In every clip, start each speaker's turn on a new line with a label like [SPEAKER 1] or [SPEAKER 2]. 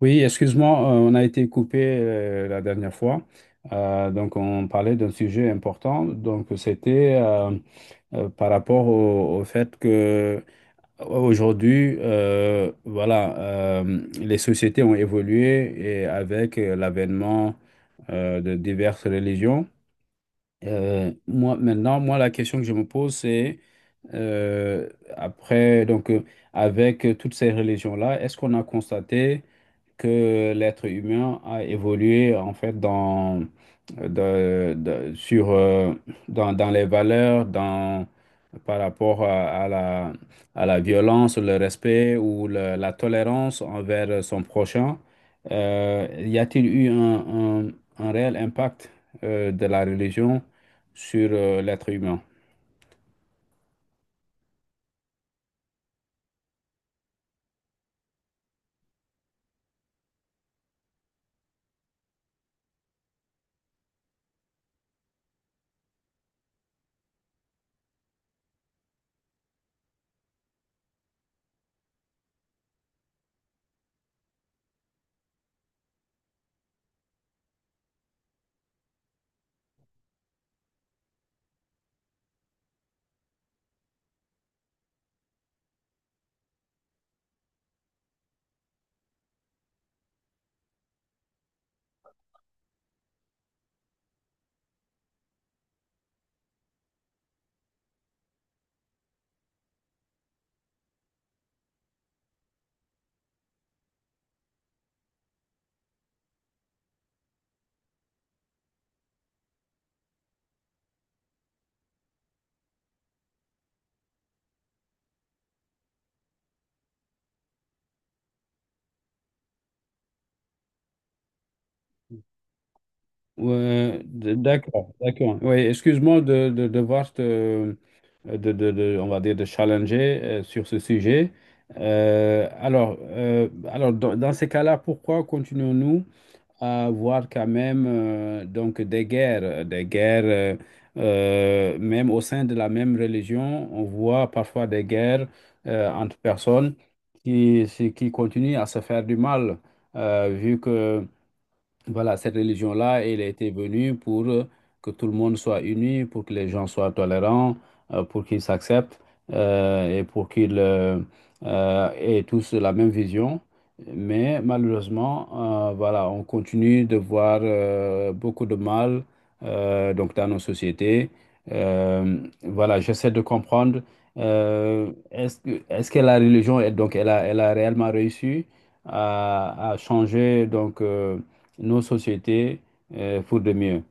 [SPEAKER 1] Oui, excuse-moi, on a été coupé la dernière fois. Donc, on parlait d'un sujet important. Donc, c'était par rapport au fait que aujourd'hui, voilà, les sociétés ont évolué et avec l'avènement de diverses religions. Maintenant, moi, la question que je me pose, c'est euh, après, avec toutes ces religions-là, est-ce qu'on a constaté que l'être humain a évolué en fait dans, de- sur, dans, dans les valeurs, par rapport à à la violence, le respect ou la tolérance envers son prochain. Y a-t-il eu un- un réel impact de la religion sur l'être humain? Ouais, d'accord, d'accord. Oui, excuse-moi de devoir te, on va dire, de challenger sur ce sujet. Alors dans ces cas-là, pourquoi continuons-nous à voir quand même des guerres, même au sein de la même religion, on voit parfois des guerres entre personnes qui continuent à se faire du mal, vu que voilà, cette religion-là, elle était venue pour que tout le monde soit uni, pour que les gens soient tolérants, pour qu'ils s'acceptent et pour qu'ils aient tous la même vision. Mais malheureusement, voilà, on continue de voir beaucoup de mal donc dans nos sociétés. Euh, voilà, j'essaie de comprendre. Est-ce que est-ce que, la religion, donc, elle a réellement réussi à changer donc nos sociétés pour de mieux.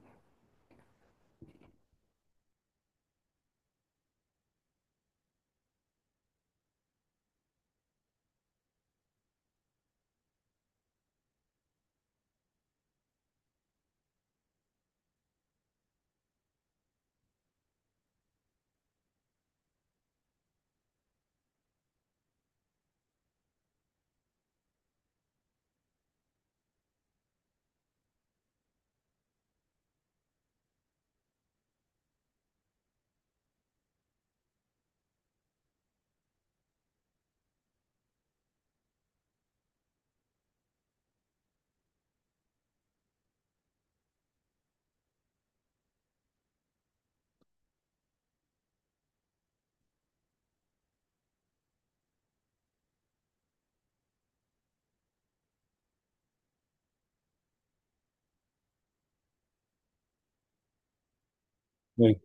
[SPEAKER 1] Oui,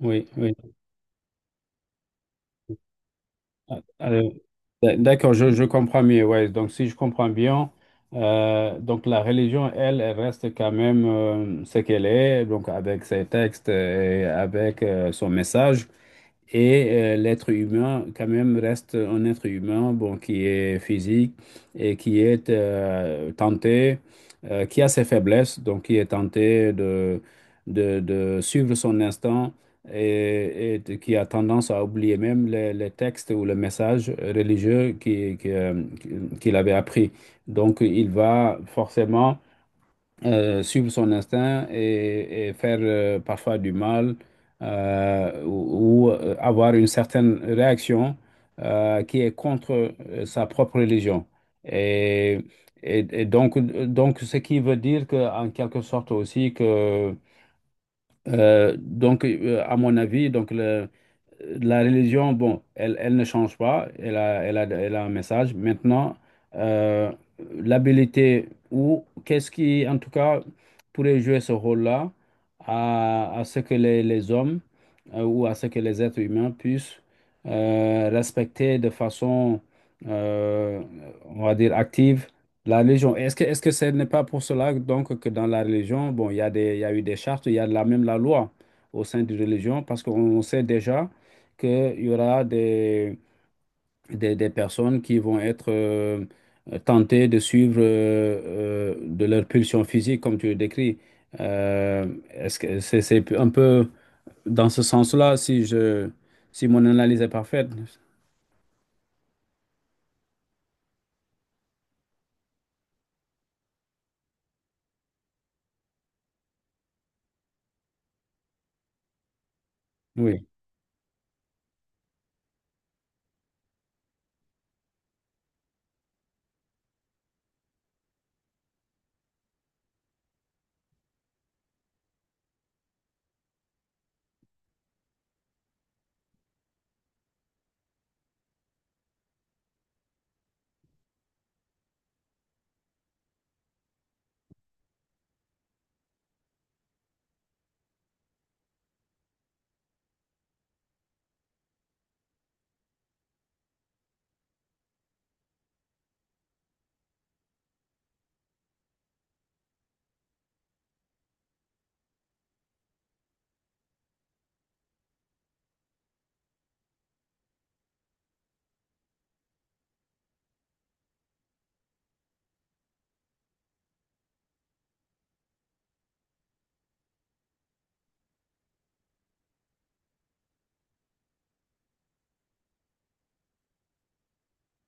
[SPEAKER 1] oui, oui. Alors, d'accord, je comprends mieux. Ouais. Donc, si je comprends bien, la religion, elle, elle reste quand même ce qu'elle est, donc avec ses textes et avec son message. Et l'être humain, quand même, reste un être humain, bon, qui est physique et qui est tenté, qui a ses faiblesses, donc qui est tenté de suivre son instinct et qui a tendance à oublier même les textes ou les messages religieux qui, qu'il avait appris. Donc, il va forcément suivre son instinct et faire parfois du mal ou avoir une certaine réaction qui est contre sa propre religion. Et, donc, ce qui veut dire que, en quelque sorte aussi que à mon avis, la religion, bon, elle, elle ne change pas, elle a un message. Maintenant, euh, l'habilité ou qu'est-ce qui, en tout cas, pourrait jouer ce rôle-là à ce que les hommes ou à ce que les êtres humains puissent respecter de façon, euh, on va dire, active la religion, est-ce que ce n'est pas pour cela donc que dans la religion, bon, il y a eu des chartes, il y a la, même la loi au sein d'une religion, parce qu'on sait déjà qu'il y aura des personnes qui vont être tentées de suivre de leur pulsion physique, comme tu le décris. Est-ce que c'est un peu dans ce sens-là, si je, si mon analyse est parfaite? Oui,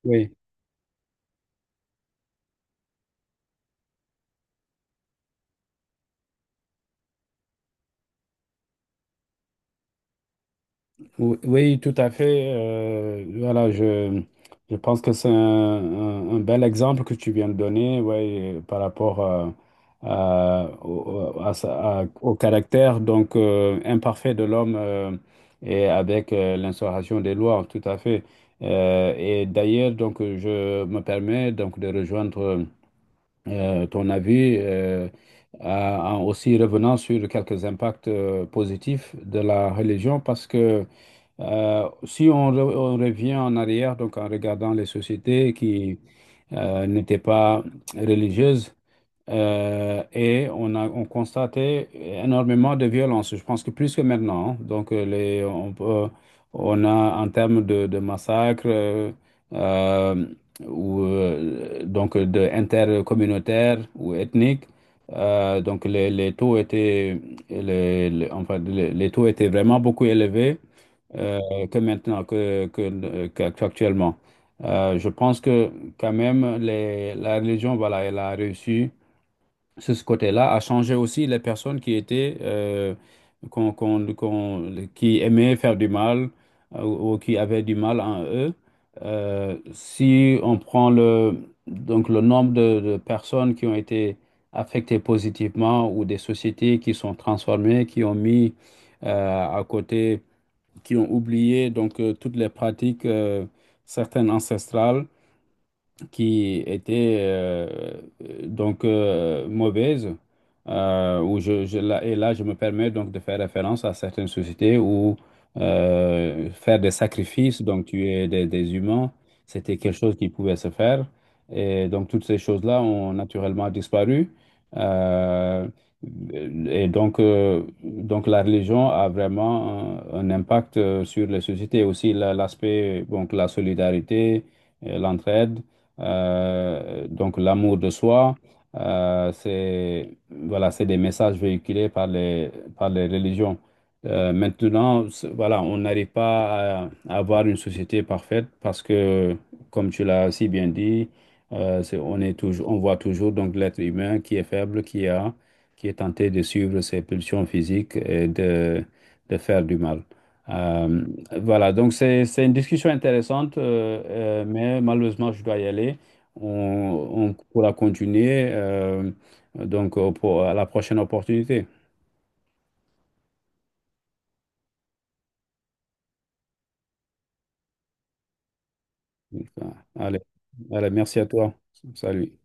[SPEAKER 1] oui. Oui, tout à fait. Voilà, je pense que c'est un bel exemple que tu viens de donner, ouais, par rapport à- au, à sa- à- au caractère donc imparfait de l'homme et avec l'instauration des lois, tout à fait. Et d'ailleurs, donc, je me permets donc de rejoindre ton avis, en en aussi revenant sur quelques impacts positifs de la religion parce que si on, on revient en arrière, donc en regardant les sociétés qui n'étaient pas religieuses, et on constatait énormément de violence, je pense que plus que maintenant, hein. Donc, on a en termes de massacres euh, ou donc de intercommunautaires ou ethniques, donc les taux étaient les- enfin, les taux étaient vraiment beaucoup élevés euh, que maintenant que, qu'actuellement. Je pense que quand même la religion voilà elle a réussi sur ce côté-là, a changé aussi les personnes qui étaient, qui aimaient faire du mal ou qui avaient du mal en eux. Si on prend le nombre de personnes qui ont été affectées positivement ou des sociétés qui sont transformées, qui ont mis à côté, qui ont oublié toutes les pratiques, certaines ancestrales qui était mauvaise, là, et là je me permets donc de faire référence à certaines sociétés où faire des sacrifices, donc tuer des humains, c'était quelque chose qui pouvait se faire. Et donc toutes ces choses-là ont naturellement disparu. Euh, et donc, donc la religion a vraiment un impact sur les sociétés, aussi l'aspect, donc la solidarité, l'entraide. Donc l'amour de soi, c'est voilà, c'est des messages véhiculés par les religions. Maintenant, voilà, on n'arrive pas à, à avoir une société parfaite parce que, comme tu l'as si bien dit, on est toujours, on voit toujours donc l'être humain qui est faible, qui a, qui est tenté de suivre ses pulsions physiques et de faire du mal. Euh, voilà, donc c'est une discussion intéressante, mais malheureusement, je dois y aller. On, on pourra continuer pour, à la prochaine opportunité. Donc, euh, Allez, allez, merci à toi. Salut.